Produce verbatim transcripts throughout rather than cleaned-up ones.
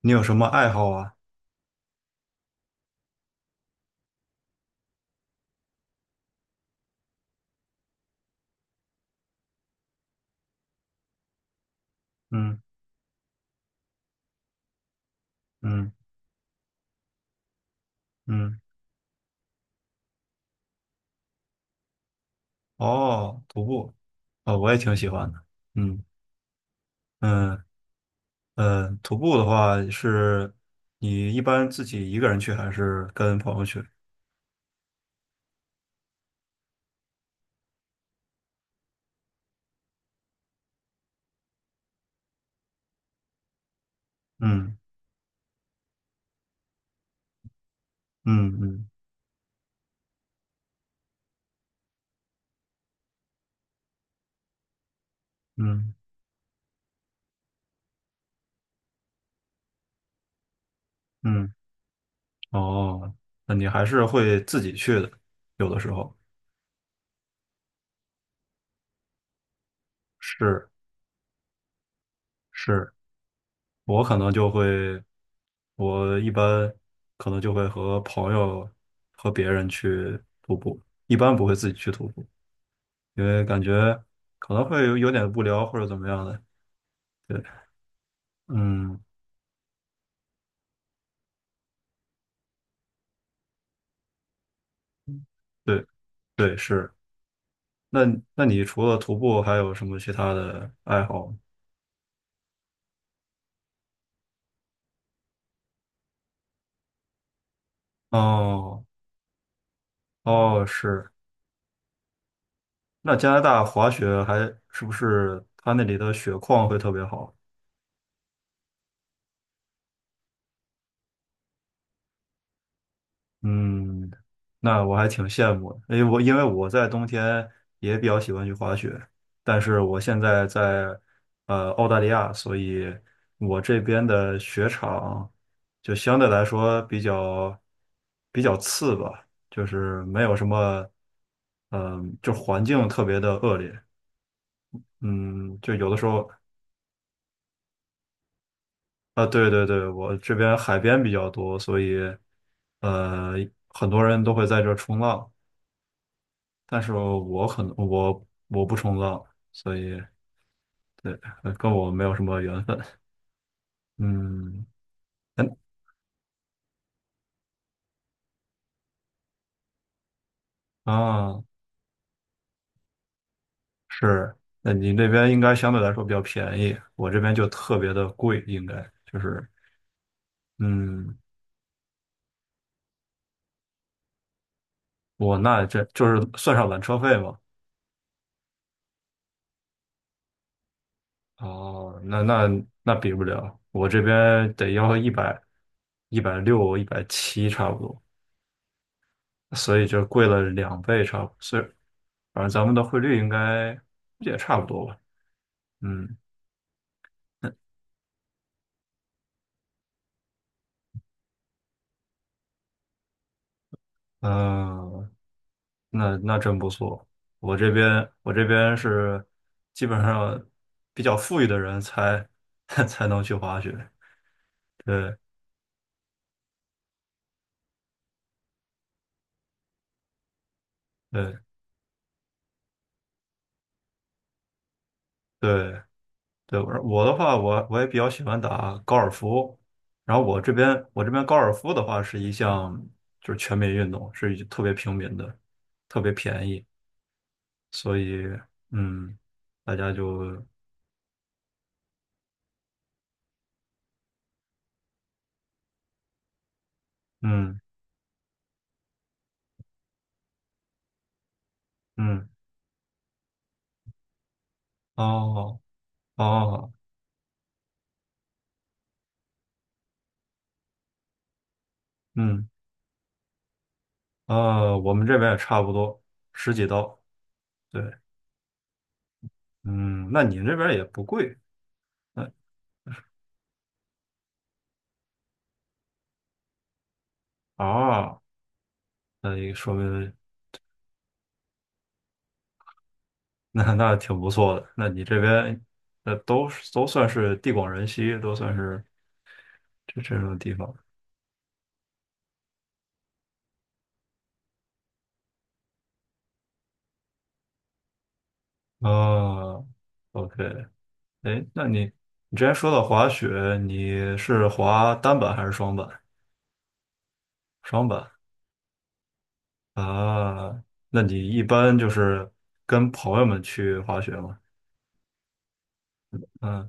你有什么爱好啊？嗯嗯嗯，哦，徒步，哦，我也挺喜欢的。嗯嗯嗯，徒步的话是，你一般自己一个人去还是跟朋友去？嗯嗯嗯嗯嗯，哦，那你还是会自己去的，有的时候是是，我可能就会，我一般可能就会和朋友和别人去徒步，一般不会自己去徒步。因为感觉可能会有有点无聊或者怎么样的。对，嗯，对对是。那那你除了徒步还有什么其他的爱好吗？哦哦是。那加拿大滑雪还是不是它那里的雪况会特别好？嗯，那我还挺羡慕的，因为我因为我在冬天也比较喜欢去滑雪，但是我现在在呃澳大利亚，所以我这边的雪场就相对来说比较比较次吧，就是没有什么，嗯、就环境特别的恶劣，嗯，就有的时候啊，对对对，我这边海边比较多，所以呃很多人都会在这冲浪。但是我可能我我不冲浪，所以对，呃跟我没有什么缘分。嗯，嗯啊，是，那你那边应该相对来说比较便宜，我这边就特别的贵，应该就是，嗯，我那这就是算上缆车费嘛。哦，那那那比不了，我这边得要一百一百六一百七差不多，所以就贵了两倍差不多，所以反正咱们的汇率应该也差不多吧。嗯，嗯，那那真不错。我这边我这边是基本上比较富裕的人才 才能去滑雪。对对对对，我我的话，我我也比较喜欢打高尔夫。然后我这边我这边高尔夫的话是一项就是全民运动，是一特别平民的，特别便宜，所以嗯，大家就嗯嗯哦哦嗯。呃，我们这边也差不多十几刀。对，嗯，那你这边也不贵。那啊，那也说明那那挺不错的。那你这边那都是都算是地广人稀，都算是这这种地方。啊，OK,哎，那你你之前说到滑雪，你是滑单板还是双板？双板啊，那你一般就是跟朋友们去滑雪吗？嗯。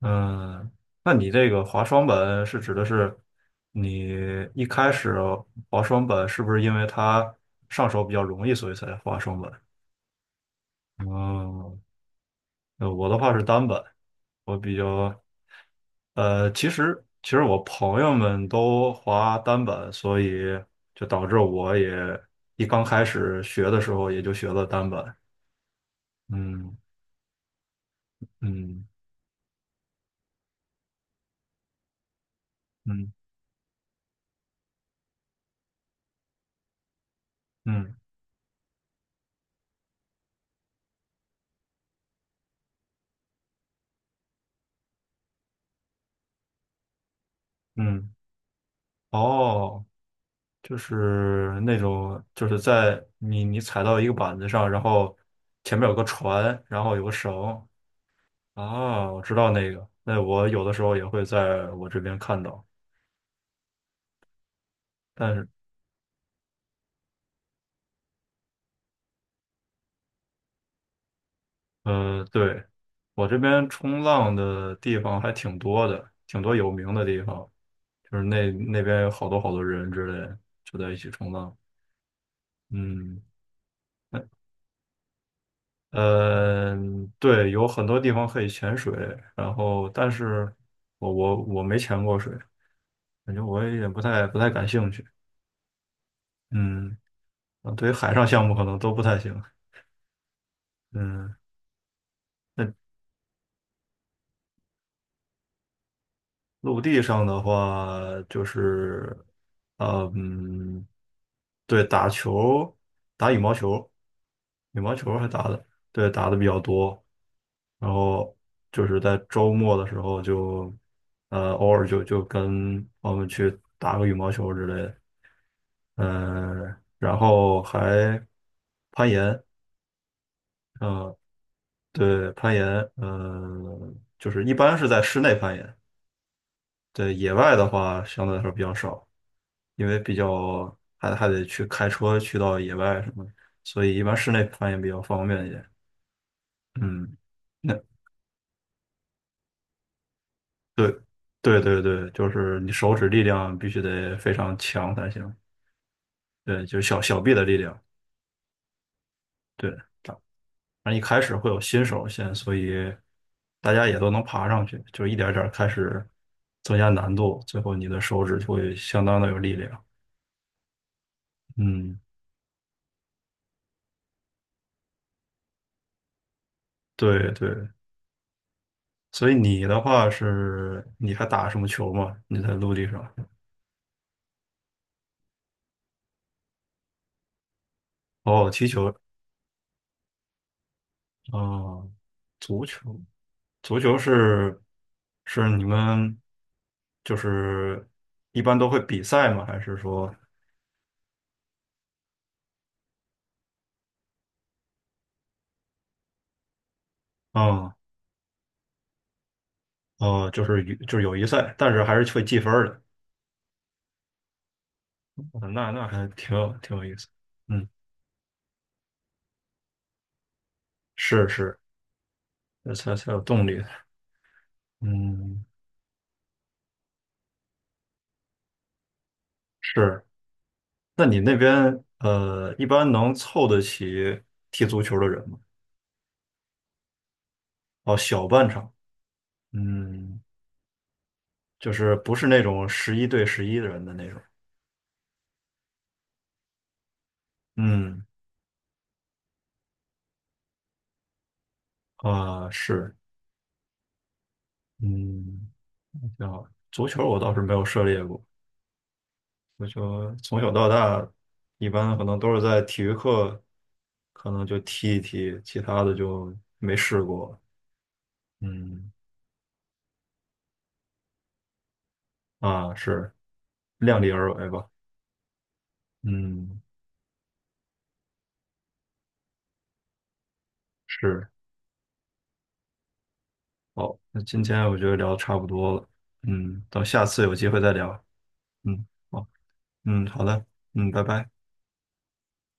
嗯，那你这个滑双本是指的是你一开始滑双本是不是因为它上手比较容易，所以才滑双本？嗯，呃我的话是单本，我比较呃，其实其实我朋友们都滑单本，所以就导致我也一刚开始学的时候也就学了单本。嗯嗯嗯嗯嗯，哦。就是那种，就是在你你踩到一个板子上，然后前面有个船，然后有个绳啊，我知道那个。那我有的时候也会在我这边看到，但是呃，对，我这边冲浪的地方还挺多的，挺多有名的地方，就是那那边有好多好多人之类的就在一起冲浪。嗯，嗯呃，对，有很多地方可以潜水，然后但是我我我没潜过水。感觉我有点不太不太感兴趣。嗯，啊，对于海上项目可能都不太行。嗯，那陆地上的话就是，呃嗯，对，打球，打羽毛球，羽毛球还打的，对，打的比较多。然后就是在周末的时候就，呃，偶尔就就跟我们去打个羽毛球之类的。嗯，然后还攀岩。嗯，对，攀岩，嗯、就是一般是在室内攀岩，对，野外的话相对来说比较少，因为比较还还得去开车去到野外什么的，所以一般室内攀岩比较方便一点。嗯，那对，对对对，就是你手指力量必须得非常强才行，对，就是小小臂的力量，对，那一开始会有新手先，所以大家也都能爬上去，就一点儿点儿开始增加难度，最后你的手指就会相当的有力量。嗯，对对，所以你的话是，你还打什么球吗？你在陆地上？哦，踢球啊，足球，足球是是你们就是一般都会比赛吗？还是说，嗯哦，就是与就是友谊赛，但是还是会计分儿的。哦那那还挺有挺有意思。嗯，是是，这才才有动力。嗯，是。那你那边呃，一般能凑得起踢足球的人吗？哦，小半场，嗯，就是不是那种十一对十一的人的那种，嗯啊、是，嗯，挺好。足球我倒是没有涉猎过，足球从小到大，一般可能都是在体育课，可能就踢一踢，其他的就没试过，嗯啊，是，量力而为吧，嗯。是。好，那今天我觉得聊得差不多了，嗯，等下次有机会再聊，嗯，好，嗯，好的，嗯，拜拜。